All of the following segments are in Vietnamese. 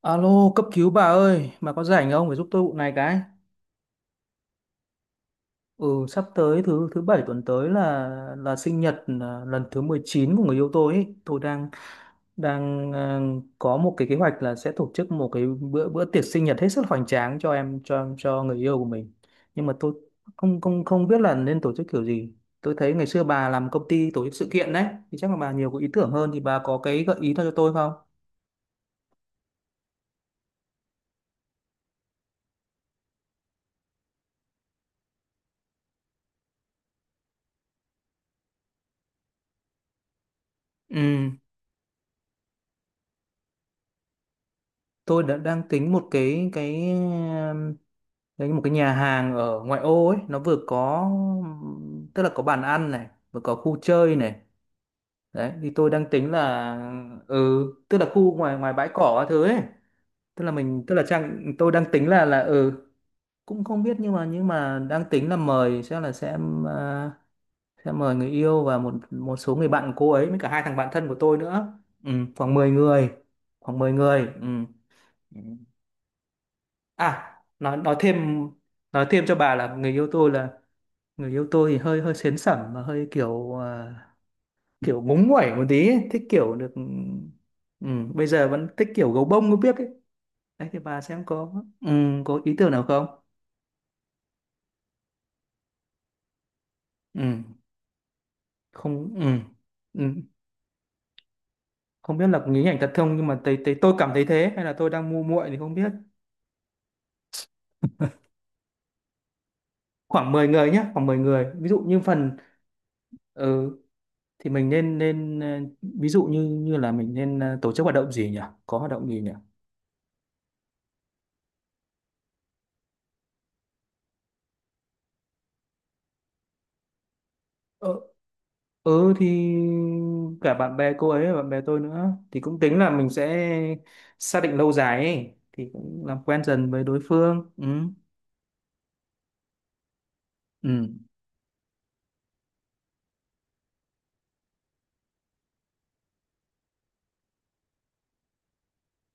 Alo, cấp cứu bà ơi, bà có rảnh không? Phải giúp tôi vụ này cái. Ừ, sắp tới thứ thứ bảy tuần tới là sinh nhật lần thứ 19 của người yêu tôi ấy. Tôi đang đang à, có một cái kế hoạch là sẽ tổ chức một cái bữa bữa tiệc sinh nhật hết sức hoành tráng cho người yêu của mình. Nhưng mà tôi không không không biết là nên tổ chức kiểu gì. Tôi thấy ngày xưa bà làm công ty tổ chức sự kiện đấy, thì chắc là bà nhiều có ý tưởng hơn, thì bà có cái gợi ý nào cho tôi không? Ừ, tôi đã đang tính một cái đấy, một cái nhà hàng ở ngoại ô ấy, nó vừa có, tức là có bàn ăn này, vừa có khu chơi này, đấy thì tôi đang tính là ừ, tức là khu ngoài ngoài bãi cỏ các thứ ấy, tức là mình, tức là trang, tôi đang tính là cũng không biết, nhưng mà đang tính là mời sẽ là sẽ à, sẽ mời người yêu và một một số người bạn của cô ấy với cả hai thằng bạn thân của tôi nữa. Ừ, khoảng 10 người, khoảng 10 người ừ. Ừ. À, nói thêm, nói thêm cho bà là người yêu tôi thì hơi hơi sến sẩm, mà hơi kiểu kiểu ngúng nguẩy một tí ấy. Thích kiểu được, ừ, bây giờ vẫn thích kiểu gấu bông có biết ấy, đấy thì bà xem có, ừ, có ý tưởng nào không? Ừ, không, ừ, ừ, không biết là có nghĩ ảnh thật không, nhưng mà thấy, thấy tôi cảm thấy thế, hay là tôi đang ngu muội thì không biết. Khoảng 10 người nhé, khoảng 10 người, ví dụ như phần, ừ, thì mình nên nên ờ, ví dụ như như là mình nên tổ chức hoạt động gì nhỉ, có hoạt động gì nhỉ. Ừ thì cả bạn bè cô ấy và bạn bè tôi nữa, thì cũng tính là mình sẽ xác định lâu dài ấy. Thì cũng làm quen dần với đối phương, ừ. Ừ.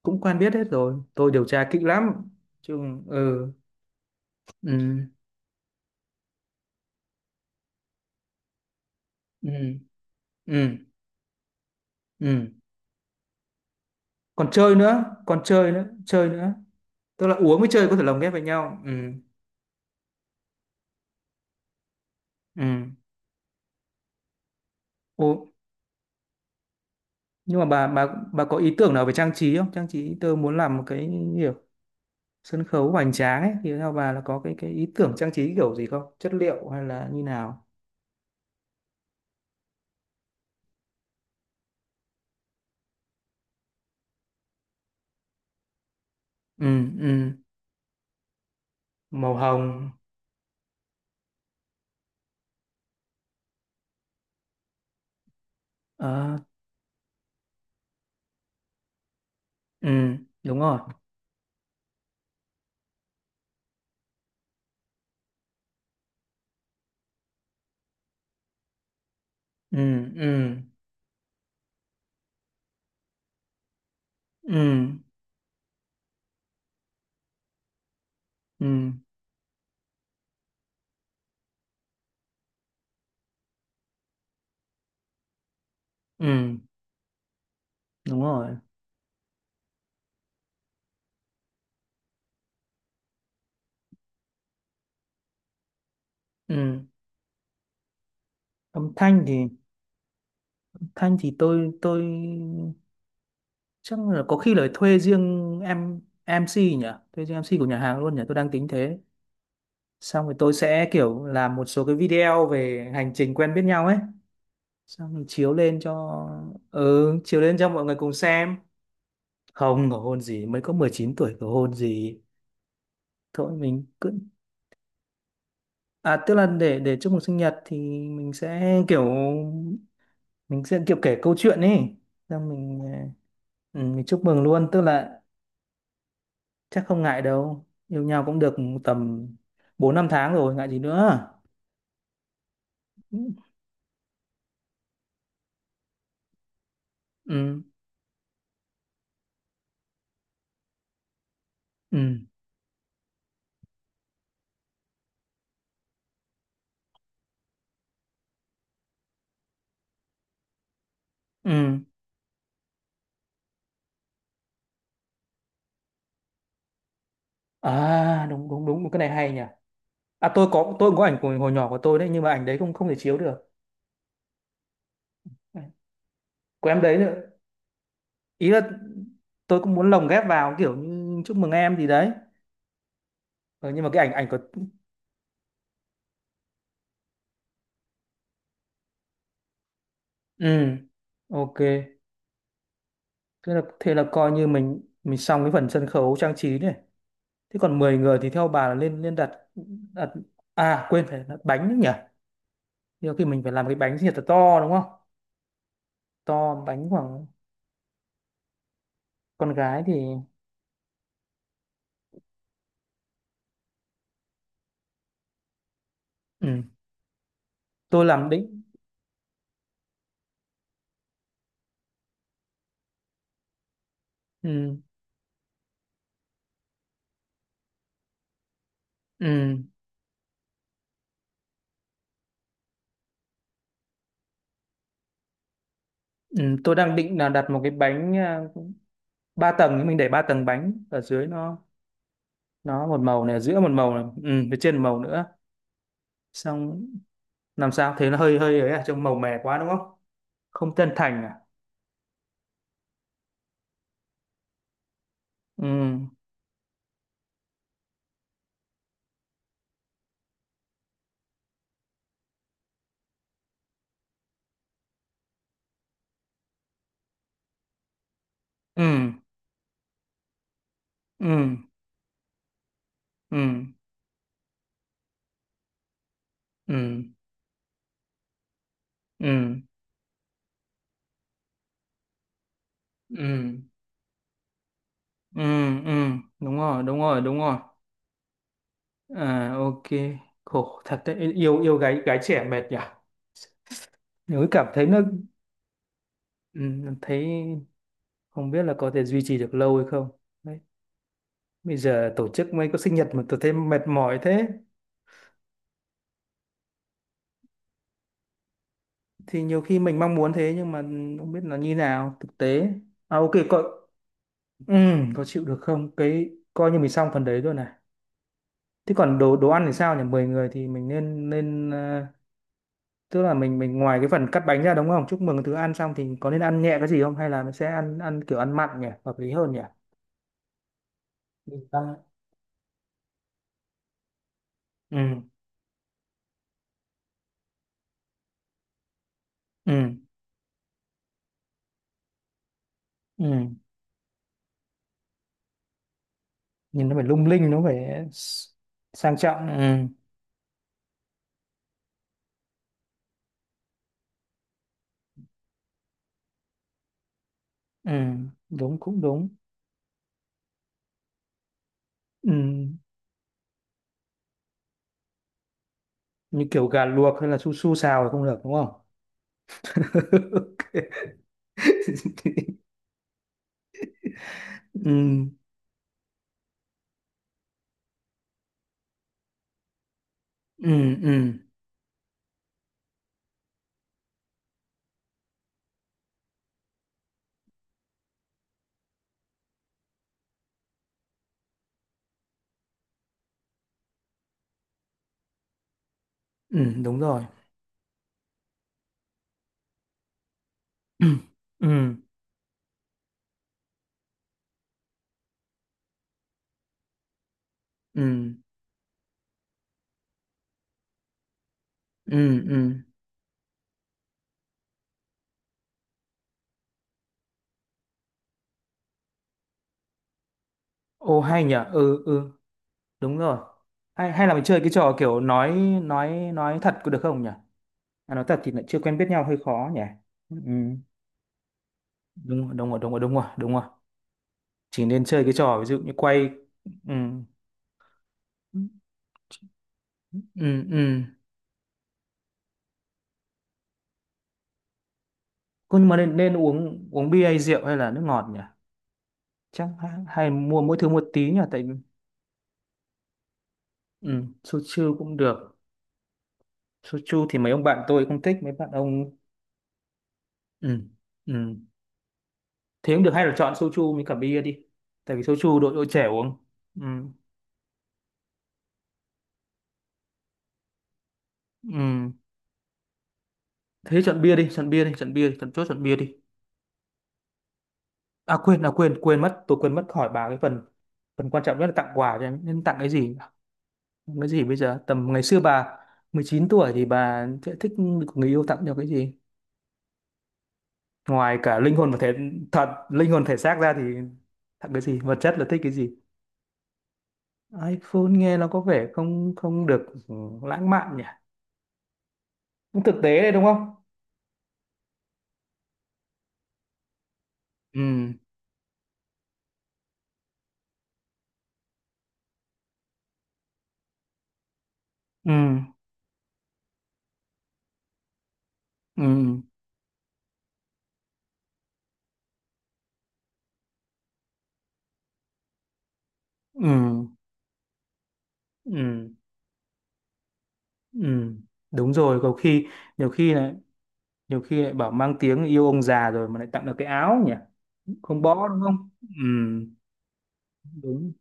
Cũng quen biết hết rồi, tôi điều tra kỹ lắm chứ, ừ. Ừ. Ừ. Ừ. Ừ. Còn chơi nữa, còn chơi nữa, chơi nữa, tức là uống với chơi có thể lồng ghép với nhau, ừ. Ừ. Ồ, nhưng mà bà có ý tưởng nào về trang trí không? Trang trí tôi muốn làm một cái kiểu sân khấu hoành tráng ấy, thì theo bà là có cái ý tưởng trang trí kiểu gì không, chất liệu hay là như nào? Ừ, ừ, màu hồng, ờ, ừ, đúng rồi, ừ, ừ, ừ, ừ, ừ, đúng rồi, ừ, âm thanh thì, thanh thì tôi chắc là có khi là thuê riêng em MC nhỉ, thuê riêng em MC của nhà hàng luôn nhỉ, tôi đang tính thế, xong rồi tôi sẽ kiểu làm một số cái video về hành trình quen biết nhau ấy, xong mình chiếu lên cho, ừ, chiếu lên cho mọi người cùng xem. Không cầu hôn gì, mới có 19 tuổi cầu hôn gì. Thôi mình cứ, à tức là để chúc mừng sinh nhật thì mình sẽ kiểu, mình sẽ kiểu kể câu chuyện ấy, xong ừ, mình chúc mừng luôn, tức là chắc không ngại đâu, yêu nhau cũng được tầm bốn năm tháng rồi ngại gì nữa. Ừ, ừ, ừ, à đúng đúng đúng, cái này hay nhỉ. À, tôi cũng có ảnh của hồi nhỏ của tôi đấy, nhưng mà ảnh đấy không, không thể chiếu được, của em đấy nữa, ý là tôi cũng muốn lồng ghép vào kiểu như chúc mừng em gì đấy. Ờ, nhưng mà cái ảnh ảnh của, ừ, ok, thế là, thế là coi như mình xong cái phần sân khấu trang trí này. Thế còn mười người thì theo bà là lên lên đặt, đặt, à quên, phải đặt bánh nữa nhỉ, nhiều khi mình phải làm cái bánh gì thật to đúng không, to, bánh khoảng, con gái thì, ừ. Tôi làm định, ừ. Ừ. Ừ. Tôi đang định là đặt một cái bánh ba tầng, thì mình để ba tầng bánh, ở dưới nó một màu này, ở giữa một màu này, ừ, phía trên một màu nữa, xong, làm sao thế, nó hơi hơi ấy, à trông màu mè quá đúng không, không chân thành à. Ừ, ừ, ừ, ừ, ừ, ừ, ừ, ừ, ừ, đúng rồi, đúng rồi, đúng rồi, à ok, khổ thật đấy, yêu yêu gái gái trẻ mệt nhỉ, nếu cảm thấy nó, ừ, thấy không biết là có thể duy trì được lâu hay không. Đấy, bây giờ tổ chức mấy cái sinh nhật mà tôi thấy mệt mỏi thế, thì nhiều khi mình mong muốn thế nhưng mà không biết là như nào thực tế. À ok coi, ừ, có chịu được không, cái coi như mình xong phần đấy rồi này. Thế còn đồ đồ ăn thì sao nhỉ, 10 người thì mình nên nên ờ, tức là mình ngoài cái phần cắt bánh ra đúng không, chúc mừng thứ ăn xong thì có nên ăn nhẹ cái gì không, hay là mình sẽ ăn ăn kiểu ăn mặn nhỉ, hợp lý hơn nhỉ. Mình ăn- ừ, ừ, ừ, nhìn nó phải lung linh nó phải, s- sang trọng, ừ, ừ, đúng, cũng đúng. Ừ, như kiểu gà luộc hay là su su xào là không được đúng không? Ok. Ừ, ừ, ừ, ừ, đúng rồi. Ừ, ừ, ừ, ừ. Ừ. Ô hay nhỉ? Ừ, ừ, đúng rồi. Hay, hay là mình chơi cái trò kiểu nói nói thật có được không nhỉ? À, nói thật thì lại chưa quen biết nhau hơi khó nhỉ? Ừ, đúng rồi, đúng rồi, đúng rồi, đúng rồi, đúng rồi. Chỉ nên chơi cái trò ví dụ như quay. Ừ, ừ, ừ. Cô, nhưng mà nên, nên uống, uống bia hay rượu hay là nước ngọt nhỉ? Chắc hay, hay mua mỗi thứ một tí nhỉ? Tại, ừ, soju cũng được. Soju thì mấy ông bạn tôi không thích, mấy bạn ông, ừ, ừ. Thế cũng được, hay là chọn soju với cả bia đi. Tại vì soju đội đội trẻ uống. Ừ, ừ. Thế chọn bia đi, chọn bia đi, chọn bia đi, chọn chốt chọn bia đi. À quên, quên mất, tôi quên mất hỏi bà cái phần phần quan trọng nhất là tặng quà cho em. Nên tặng cái gì? Tặng cái gì bây giờ? Tầm ngày xưa bà 19 tuổi thì bà sẽ thích người yêu tặng cho cái gì? Ngoài cả linh hồn và thể, thật linh hồn thể xác ra thì, thật cái gì vật chất là thích cái gì, iPhone nghe nó có vẻ không không được, ừ, lãng mạn nhỉ, cũng thực tế đấy đúng không. Ừ, ừ, ừ, ừ, ừ, ừ, đúng rồi, có khi nhiều khi lại, nhiều khi lại bảo mang tiếng yêu ông già rồi mà lại tặng được cái áo nhỉ, không bỏ đúng không, ừ, đúng.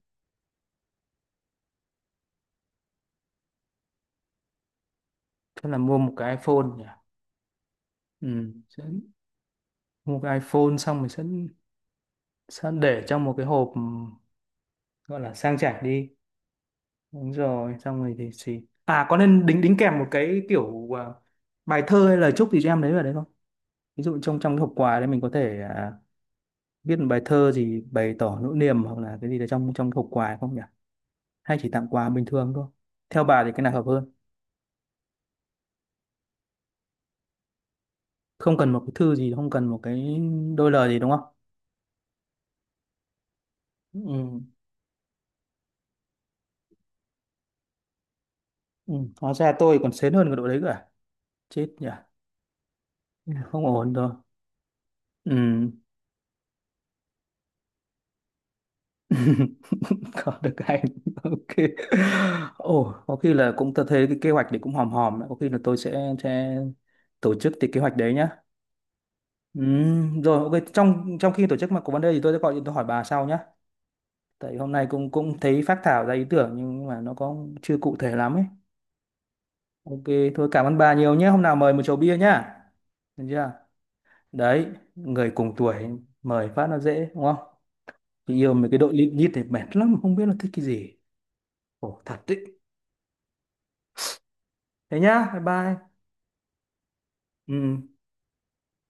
Thế là mua một cái iPhone nhỉ, ừ, sẽ mua cái iPhone xong rồi sẽ để trong một cái hộp, gọi là sang chảnh đi, đúng rồi, xong rồi thì xì, à có nên đính đính kèm một cái kiểu bài thơ hay lời chúc gì cho em đấy vào đấy không, ví dụ trong trong cái hộp quà đấy mình có thể viết một bài thơ gì bày tỏ nỗi niềm hoặc là cái gì đấy trong trong hộp quà không nhỉ, hay chỉ tặng quà bình thường thôi, theo bà thì cái nào hợp hơn? Không cần một cái thư gì, không cần một cái đôi lời gì đúng không? Ừ, ừ. Hóa ra tôi còn sến hơn cái đội đấy cả, chết nhỉ, không ổn rồi. Ừ. Có được anh. Ok. Ồ có khi là cũng, tôi thấy cái kế hoạch đấy cũng hòm hòm đấy, có khi là tôi sẽ tổ chức cái kế hoạch đấy nhá. Rồi, ok, trong trong khi tổ chức mà có vấn đề thì tôi sẽ gọi điện, tôi hỏi bà sau nhá, tại hôm nay cũng cũng thấy phác thảo ra ý tưởng nhưng mà nó có chưa cụ thể lắm ấy. Ok, thôi cảm ơn bà nhiều nhé, hôm nào mời một chầu bia nhá, được chưa? Đấy, người cùng tuổi mời phát nó dễ đúng không. Chị yêu mấy cái đội lịm nhít này mệt lắm, không biết nó thích cái gì, khổ thật đấy. Thế nhá, bye bye. Ừ.